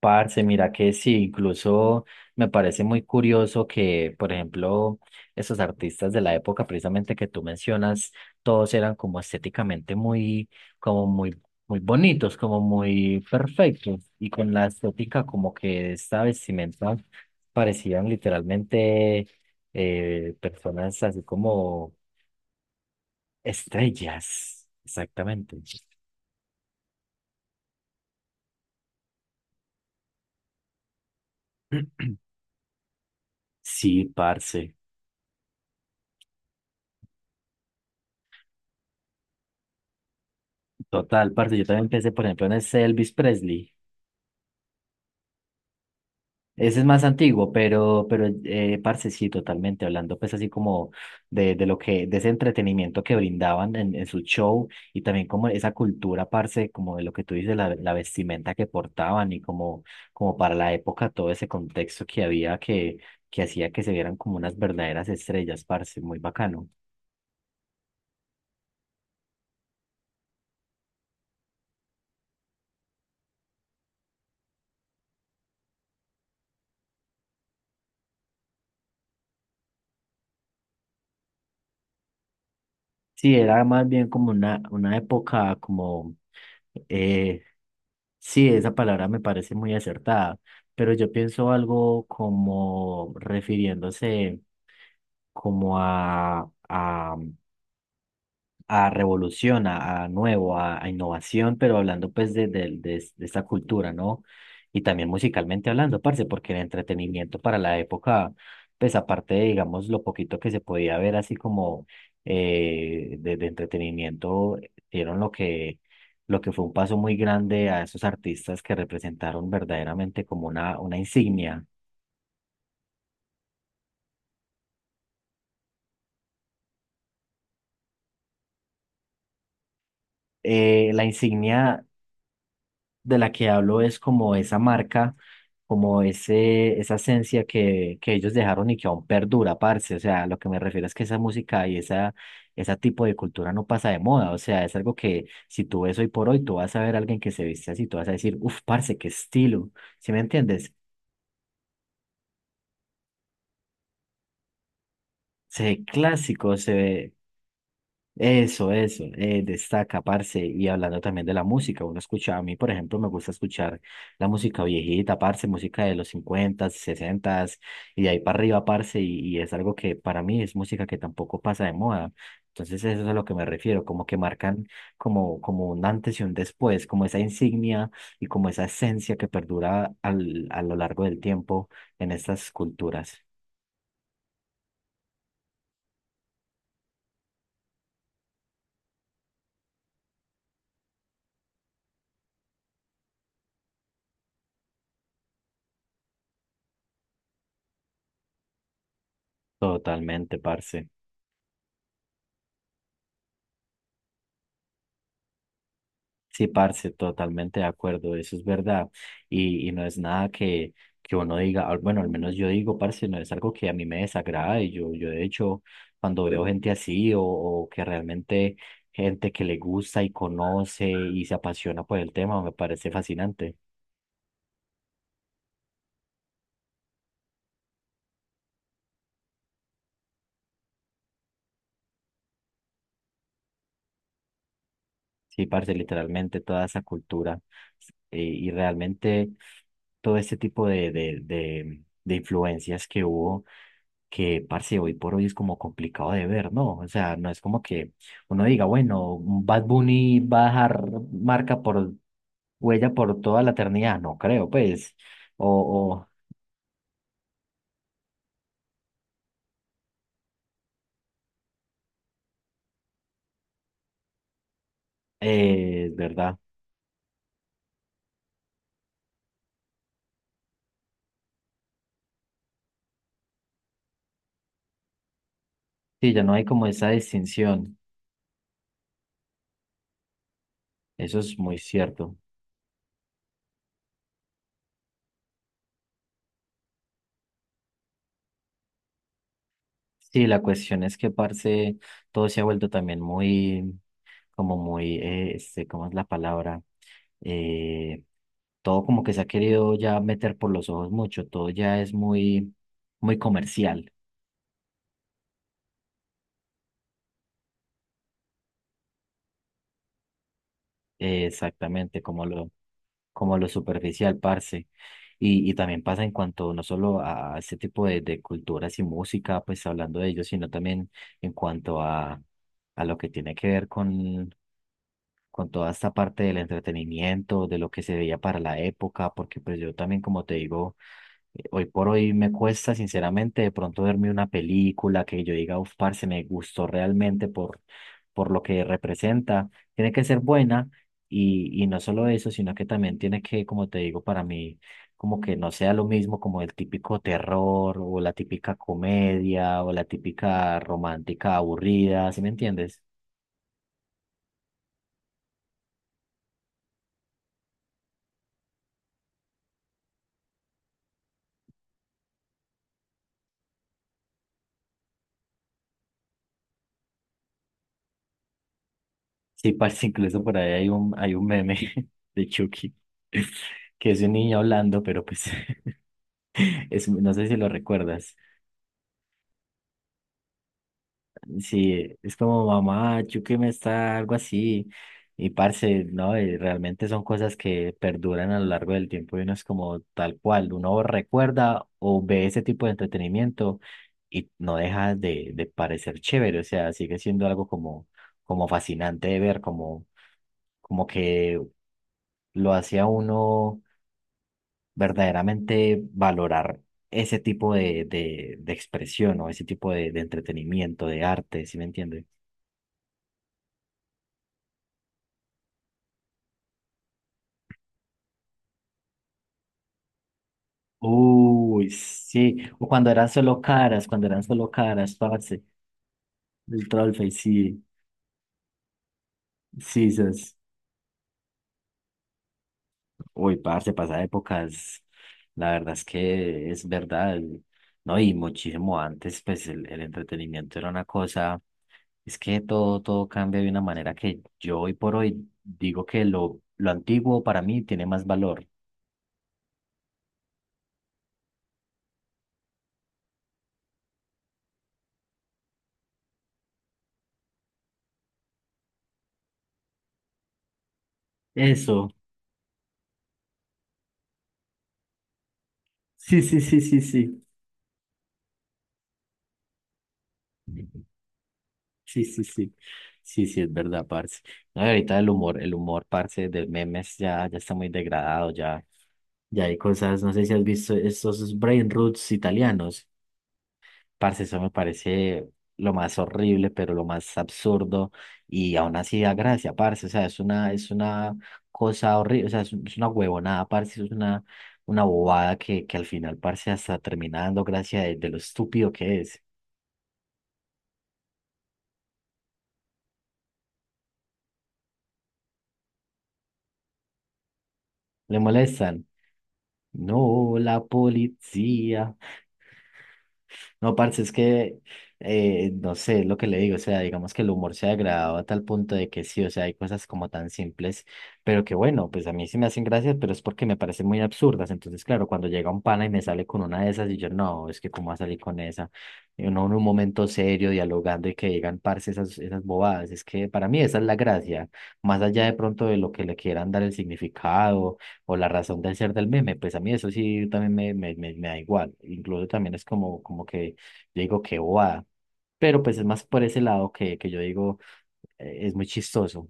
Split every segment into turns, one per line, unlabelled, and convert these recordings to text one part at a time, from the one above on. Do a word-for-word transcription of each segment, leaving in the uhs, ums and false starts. Parce, mira que sí, incluso me parece muy curioso que, por ejemplo, esos artistas de la época precisamente que tú mencionas, todos eran como estéticamente muy, como muy, muy bonitos, como muy perfectos, y con la estética como que esta vestimenta parecían literalmente eh, personas así como estrellas, exactamente. Sí, parce, total, parce, yo también pensé, por ejemplo, en ese Elvis Presley. Ese es más antiguo, pero, pero eh, parce, sí, totalmente hablando, pues así como de, de lo que, de ese entretenimiento que brindaban en, en su show y también como esa cultura, parce, como de lo que tú dices, la, la vestimenta que portaban y como, como para la época todo ese contexto que había que, que hacía que se vieran como unas verdaderas estrellas, parce, muy bacano. Sí, era más bien como una, una época como. Eh, sí, esa palabra me parece muy acertada, pero yo pienso algo como refiriéndose como a, a a revolución, a, a nuevo, a, a innovación, pero hablando pues de, de, de, es- de esta cultura, ¿no? Y también musicalmente hablando, parce, porque el entretenimiento para la época, pues aparte de, digamos, lo poquito que se podía ver así como eh, de, de entretenimiento, dieron lo que, lo que fue un paso muy grande a esos artistas que representaron verdaderamente como una, una insignia. Eh, la insignia de la que hablo es como esa marca, como ese, esa esencia que, que ellos dejaron y que aún perdura, parce. O sea, lo que me refiero es que esa música y esa, ese tipo de cultura no pasa de moda. O sea, es algo que si tú ves hoy por hoy, tú vas a ver a alguien que se viste así, tú vas a decir, uff, parce, qué estilo. ¿Sí me entiendes? Se ve clásico, se ve. Eso, eso, eh, destaca, parce, y hablando también de la música, uno escucha, a mí, por ejemplo, me gusta escuchar la música viejita, parce, música de los cincuenta, sesenta y de ahí para arriba, parce, y, y es algo que para mí es música que tampoco pasa de moda. Entonces, eso es a lo que me refiero, como que marcan como, como un antes y un después, como esa insignia y como esa esencia que perdura al, a lo largo del tiempo en estas culturas. Totalmente, parce. Sí, parce, totalmente de acuerdo, eso es verdad. Y, y no es nada que, que uno diga, al- bueno, al menos yo digo, parce, no es algo que a mí me desagrade. Yo, yo de hecho, cuando veo gente así o, o que realmente gente que le gusta y conoce y se apasiona por el tema, me parece fascinante. Sí, parce, literalmente toda esa cultura eh, y realmente todo este tipo de, de, de, de influencias que hubo, que parce, hoy por hoy es como complicado de ver, ¿no? O sea, no es como que uno diga, bueno, un Bad Bunny va a dejar marca por huella por toda la eternidad, no creo, pues, o, o eh, es verdad, sí, ya no hay como esa distinción, eso es muy cierto. Sí, la cuestión es que, parce, todo se ha vuelto también muy como muy, eh, este, ¿cómo es la palabra? Eh, Todo como que se ha querido ya meter por los ojos mucho, todo ya es muy, muy comercial, eh, exactamente, como lo, como lo superficial, parce. Y, y también pasa en cuanto no solo a este tipo de, de culturas y música, pues hablando de ellos, sino también en cuanto a, a lo que tiene que ver con con toda esta parte del entretenimiento, de lo que se veía para la época, porque pues yo también, como te digo, eh, hoy por hoy me cuesta sinceramente de pronto verme una película que yo diga, uf, parce, me gustó realmente por, por lo que representa. Tiene que ser buena y, y no solo eso, sino que también tiene que, como te digo, para mí, como que no sea lo mismo como el típico terror o la típica comedia o la típica romántica aburrida, ¿sí me entiendes? Sí, parece incluso por ahí hay un, hay un meme de Chucky, que es un niño hablando, pero pues es, no sé si lo recuerdas. Sí, es como mamá, Chucky me está algo así. Y parce, no, y realmente son cosas que perduran a lo largo del tiempo y uno es como tal cual, uno recuerda o ve ese tipo de entretenimiento y no deja de, de parecer chévere, o sea, sigue siendo algo como, como fascinante de ver, como, como que lo hacía uno verdaderamente valorar ese tipo de, de, de expresión o ese tipo de, de entretenimiento, de arte, ¿sí me entiende? Uy, sí, o cuando eran solo caras, cuando eran solo caras, parce, el troll face, sí, sí, esas. Uy, parce, pasa épocas, la verdad es que es verdad, el- ¿no? Y muchísimo antes, pues el, el entretenimiento era una cosa, es que todo, todo cambia de una manera que yo hoy por hoy digo que lo, lo antiguo para mí tiene más valor. Eso. Sí, sí, sí, sí, sí. Sí, sí, sí. Sí, sí, es verdad, parce. No, y ahorita el humor, el humor, parce, de memes ya, ya está muy degradado, ya, ya hay cosas, no sé si has visto estos brain roots italianos. Parce, eso me parece lo más horrible, pero lo más absurdo, y aún así da gracia, parce. O sea, es una, es una cosa horrible, o sea, es, un- es una huevonada, parce, es una, una bobada que, que al final, parce, hasta termina dando gracia de, de lo estúpido que es. Le molestan. No, la policía. No, parce, es que eh, no sé es lo que le digo. O sea, digamos que el humor se ha degradado a tal punto de que sí, o sea, hay cosas como tan simples, pero que bueno, pues a mí sí me hacen gracias, pero es porque me parecen muy absurdas. Entonces, claro, cuando llega un pana y me sale con una de esas, y yo, no, es que cómo va a salir con esa. Y uno en un momento serio, dialogando y que digan, parce, esas, esas bobadas. Es que para mí esa es la gracia, más allá de pronto de lo que le quieran dar el significado o la razón del ser del meme, pues a mí eso sí también me, me, me, me da igual. Incluso también es como, como que yo digo que bobada, pero pues es más por ese lado que, que yo digo eh, es muy chistoso.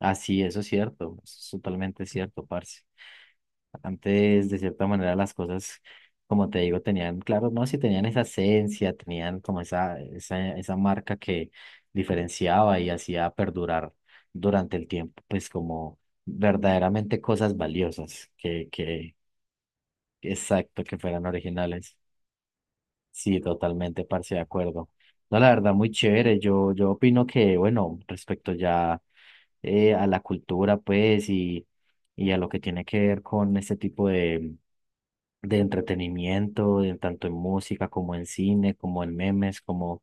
Así, eso es cierto, eso es totalmente cierto, parce. Antes, de cierta manera, las cosas, como te digo, tenían, claro, no, si tenían esa esencia, tenían como esa, esa, esa marca que diferenciaba y hacía perdurar durante el tiempo, pues como verdaderamente cosas valiosas que, que, exacto, que fueran originales. Sí, totalmente, parce, de acuerdo. No, la verdad, muy chévere. Yo, yo opino que, bueno, respecto ya eh, a la cultura, pues, y, y a lo que tiene que ver con este tipo de, de entretenimiento, en tanto en música como en cine, como en memes, como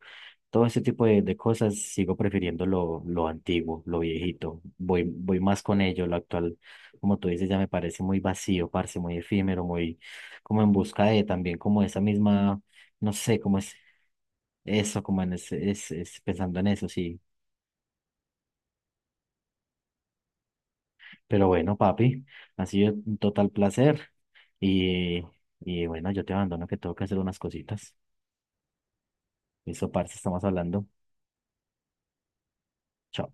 todo ese tipo de, de cosas sigo prefiriendo lo, lo antiguo, lo viejito. Voy, voy más con ello. Lo actual, como tú dices, ya me parece muy vacío, parce, muy efímero, muy como en busca de también como esa misma, no sé, como es eso, como en ese, es, es pensando en eso, sí. Pero bueno, papi, ha sido un total placer. Y, y bueno, yo te abandono que tengo que hacer unas cositas. Eso, parce, estamos hablando. Chao.